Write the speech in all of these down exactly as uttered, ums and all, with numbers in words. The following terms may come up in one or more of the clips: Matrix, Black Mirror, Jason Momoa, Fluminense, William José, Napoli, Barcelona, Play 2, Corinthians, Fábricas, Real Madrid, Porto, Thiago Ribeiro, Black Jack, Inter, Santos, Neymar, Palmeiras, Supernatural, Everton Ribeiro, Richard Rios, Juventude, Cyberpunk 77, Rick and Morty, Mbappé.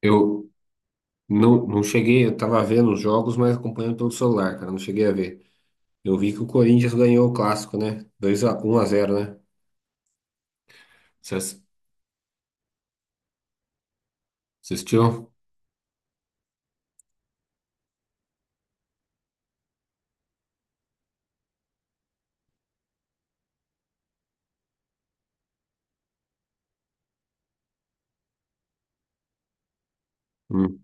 Eu não, não cheguei, eu tava vendo os jogos, mas acompanhando pelo celular, cara, não cheguei a ver. Eu vi que o Corinthians ganhou o clássico, né? Dois a um a zero, né? Você ass- assistiu? Hum.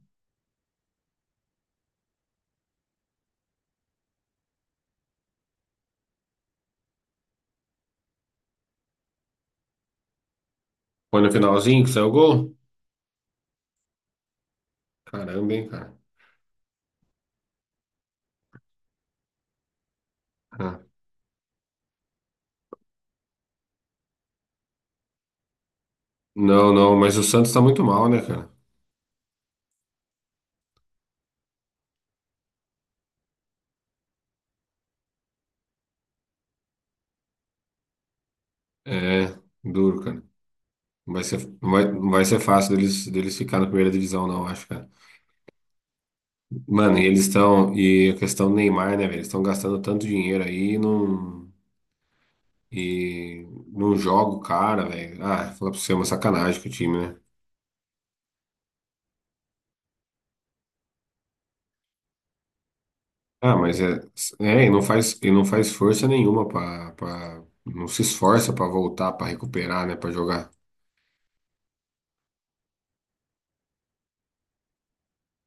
Foi no finalzinho que saiu o gol? Caramba, hein, cara. Ah. Não, não, mas o Santos tá muito mal, né, cara? É, duro, cara. Não vai ser, não vai, não vai ser fácil deles, deles ficar na primeira divisão, não acho, cara. Mano, e eles estão. E a questão do Neymar, né, velho? Eles estão gastando tanto dinheiro aí e não. E não joga o cara, velho. Ah, fala pra você, é uma sacanagem com o time, né? Ah, mas é, é, e não faz, e não faz força nenhuma pra, pra, não se esforça pra voltar, pra recuperar, né, pra jogar.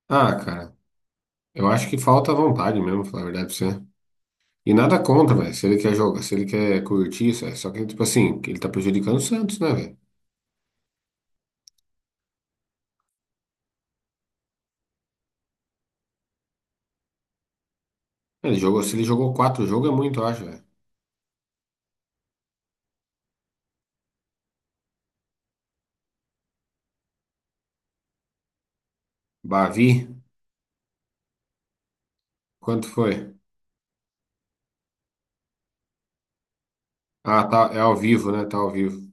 Ah, cara, eu acho que falta vontade mesmo, falar a verdade pra você. E nada contra, velho. Se ele quer jogar, se ele quer curtir, isso é só que, tipo assim, ele tá prejudicando o Santos, né, velho? Ele jogou, se ele jogou quatro jogos é muito, eu acho, velho. Bavi, quanto foi? Ah, tá, é ao vivo, né? Tá ao vivo.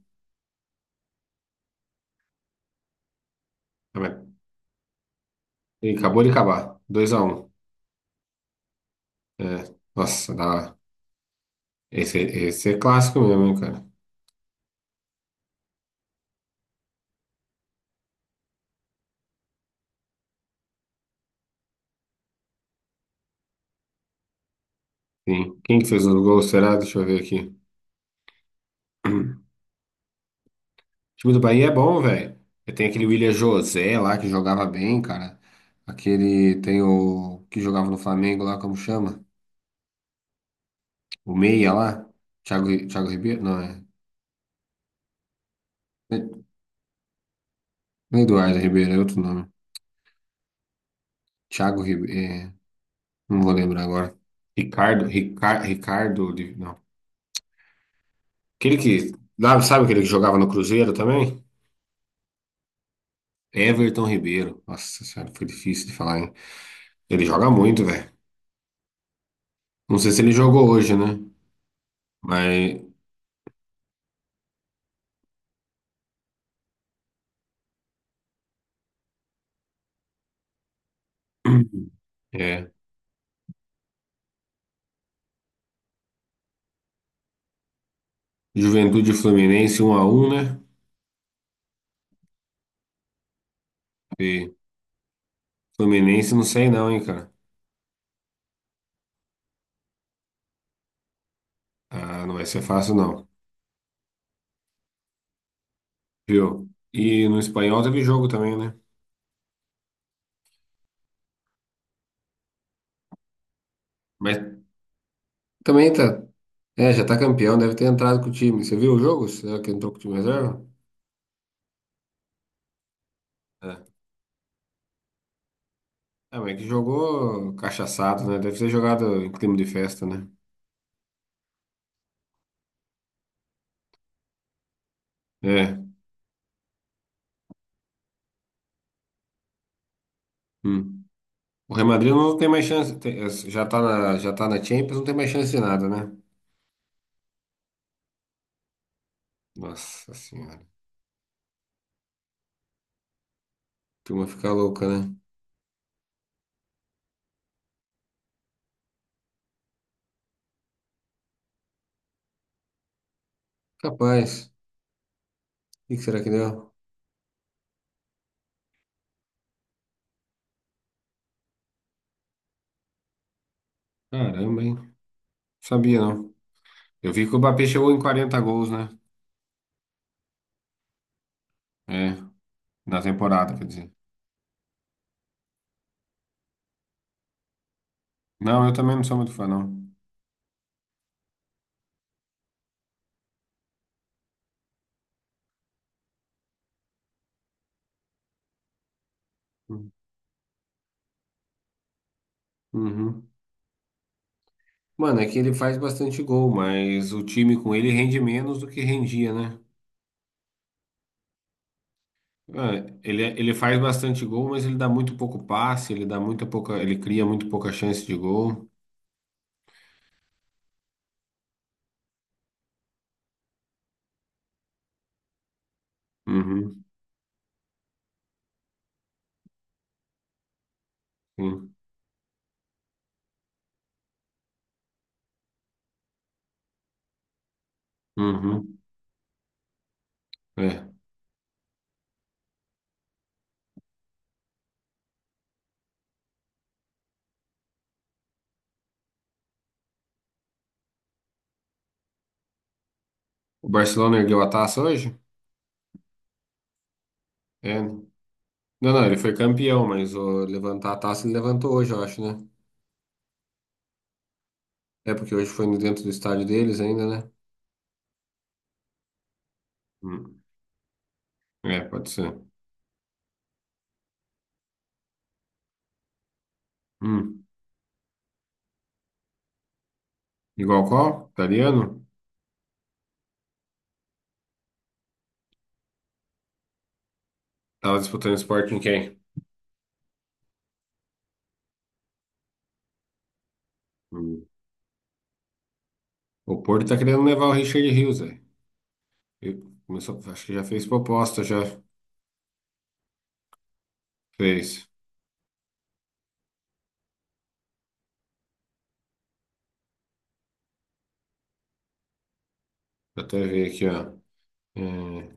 Ah, mas ele acabou de acabar. Dois a um. É, nossa, da hora. Esse, esse é clássico mesmo, hein, cara? Sim. Quem que fez o gol, será? Deixa eu ver aqui. O time do Bahia é bom, velho. Tem aquele William José lá que jogava bem, cara. Aquele tem o que jogava no Flamengo lá, como chama? O meia lá. Thiago, Ri- Thiago Ribeiro? Não, é. Não é Eduardo Ribeiro, é outro nome. Thiago Ribeiro. É, não vou lembrar agora. Ricardo, Ricardo, Ricardo. Olive- Não. Aquele que. Sabe sabe aquele que jogava no Cruzeiro também? Everton Ribeiro. Nossa senhora, foi difícil de falar, hein? Ele joga muito, velho. Não sei se ele jogou hoje, né? Mas. É. Juventude e Fluminense um a um, né? E Fluminense não sei não, hein, cara. Ah, não vai ser fácil, não. Viu? E no espanhol teve jogo também, né? Mas também tá. É, já tá campeão, deve ter entrado com o time. Você viu o jogo? Será que entrou com o time reserva? É. É, mas que jogou cachaçado, né? Deve ter jogado em clima de festa, né? É. Hum. O Real Madrid não tem mais chance. tem- é, já tá na, já tá na Champions, não tem mais chance de nada, né? Nossa senhora. A turma fica louca, né? Capaz. O que que será que deu? Caramba, hein? Não sabia, não. Eu vi que o Mbappé chegou em quarenta gols, né? É, na temporada, quer dizer. Não, eu também não sou muito fã, não. Uhum. Mano, é que ele faz bastante gol, mas o time com ele rende menos do que rendia, né? É, ele, ele faz bastante gol, mas ele dá muito pouco passe, ele dá muito pouca, ele cria muito pouca chance de gol. Uhum, sim. Uhum, é. O Barcelona ergueu a taça hoje? É. Não, não, ele foi campeão, mas ó, levantar a taça ele levantou hoje, eu acho, né? É porque hoje foi no- dentro do estádio deles ainda, né? Hum. É, pode ser. Hum. Igual qual? Italiano? Tava disputando esporte em quem? Hum. O Porto tá querendo levar o Richard Rios, velho. Ele começou, acho que já fez proposta, já fez. Vou até ver aqui, ó. É.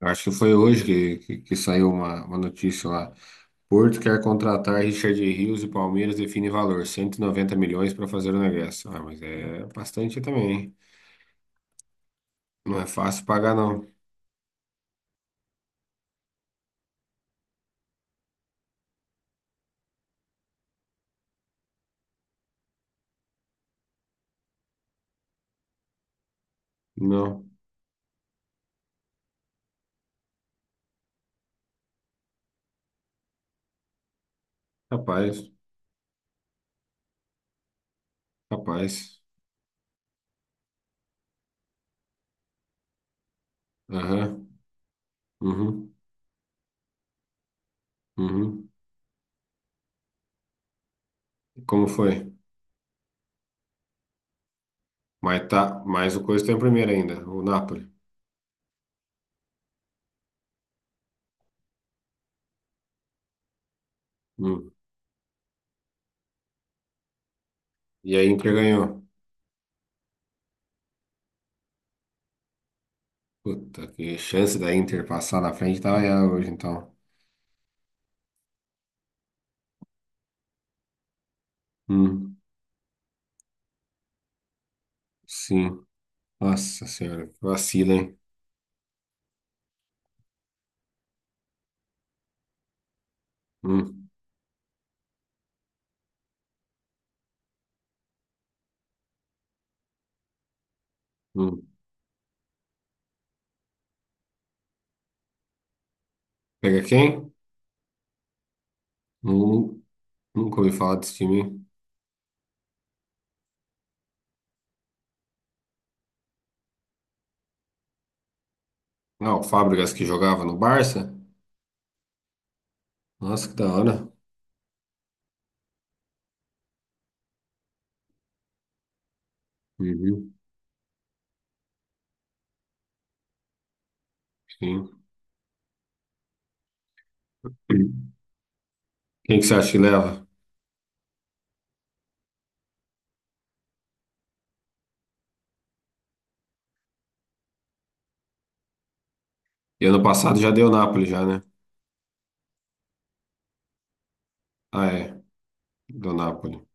Eu acho que foi hoje que, que, que saiu uma, uma notícia lá. Porto quer contratar Richard Rios e Palmeiras define valor, cento e noventa milhões para fazer o negócio. Ah, mas é bastante também, hein? Não é fácil pagar, não. Não. Capaz, capaz. Aham. Uhum. Uhum. Como foi? Mas tá, mas o Coisa tem o primeiro ainda, o Napoli. Hum. E a Inter ganhou. Puta, que chance da Inter passar na frente tava ela hoje, então. Hum. Sim. Nossa senhora, que vacina, hein? Hum, hum. Pega quem? Nu- Nunca ouvi falar desse time, hein? Ah, o Fábricas que jogava no Barça? Nossa, que da hora. Uhum, sim. Quem que você acha que leva? E ano passado já deu Napoli já, né? Ah, é. Deu Napoli.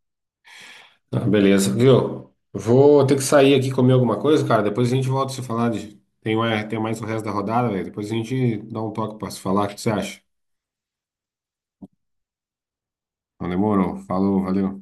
Ah, beleza, viu? Vou ter que sair aqui comer alguma coisa, cara. Depois a gente volta a se falar de... Tem mais, tem mais o resto da rodada, velho. Depois a gente dá um toque pra se falar. O que você acha? Não demorou. Falou, valeu.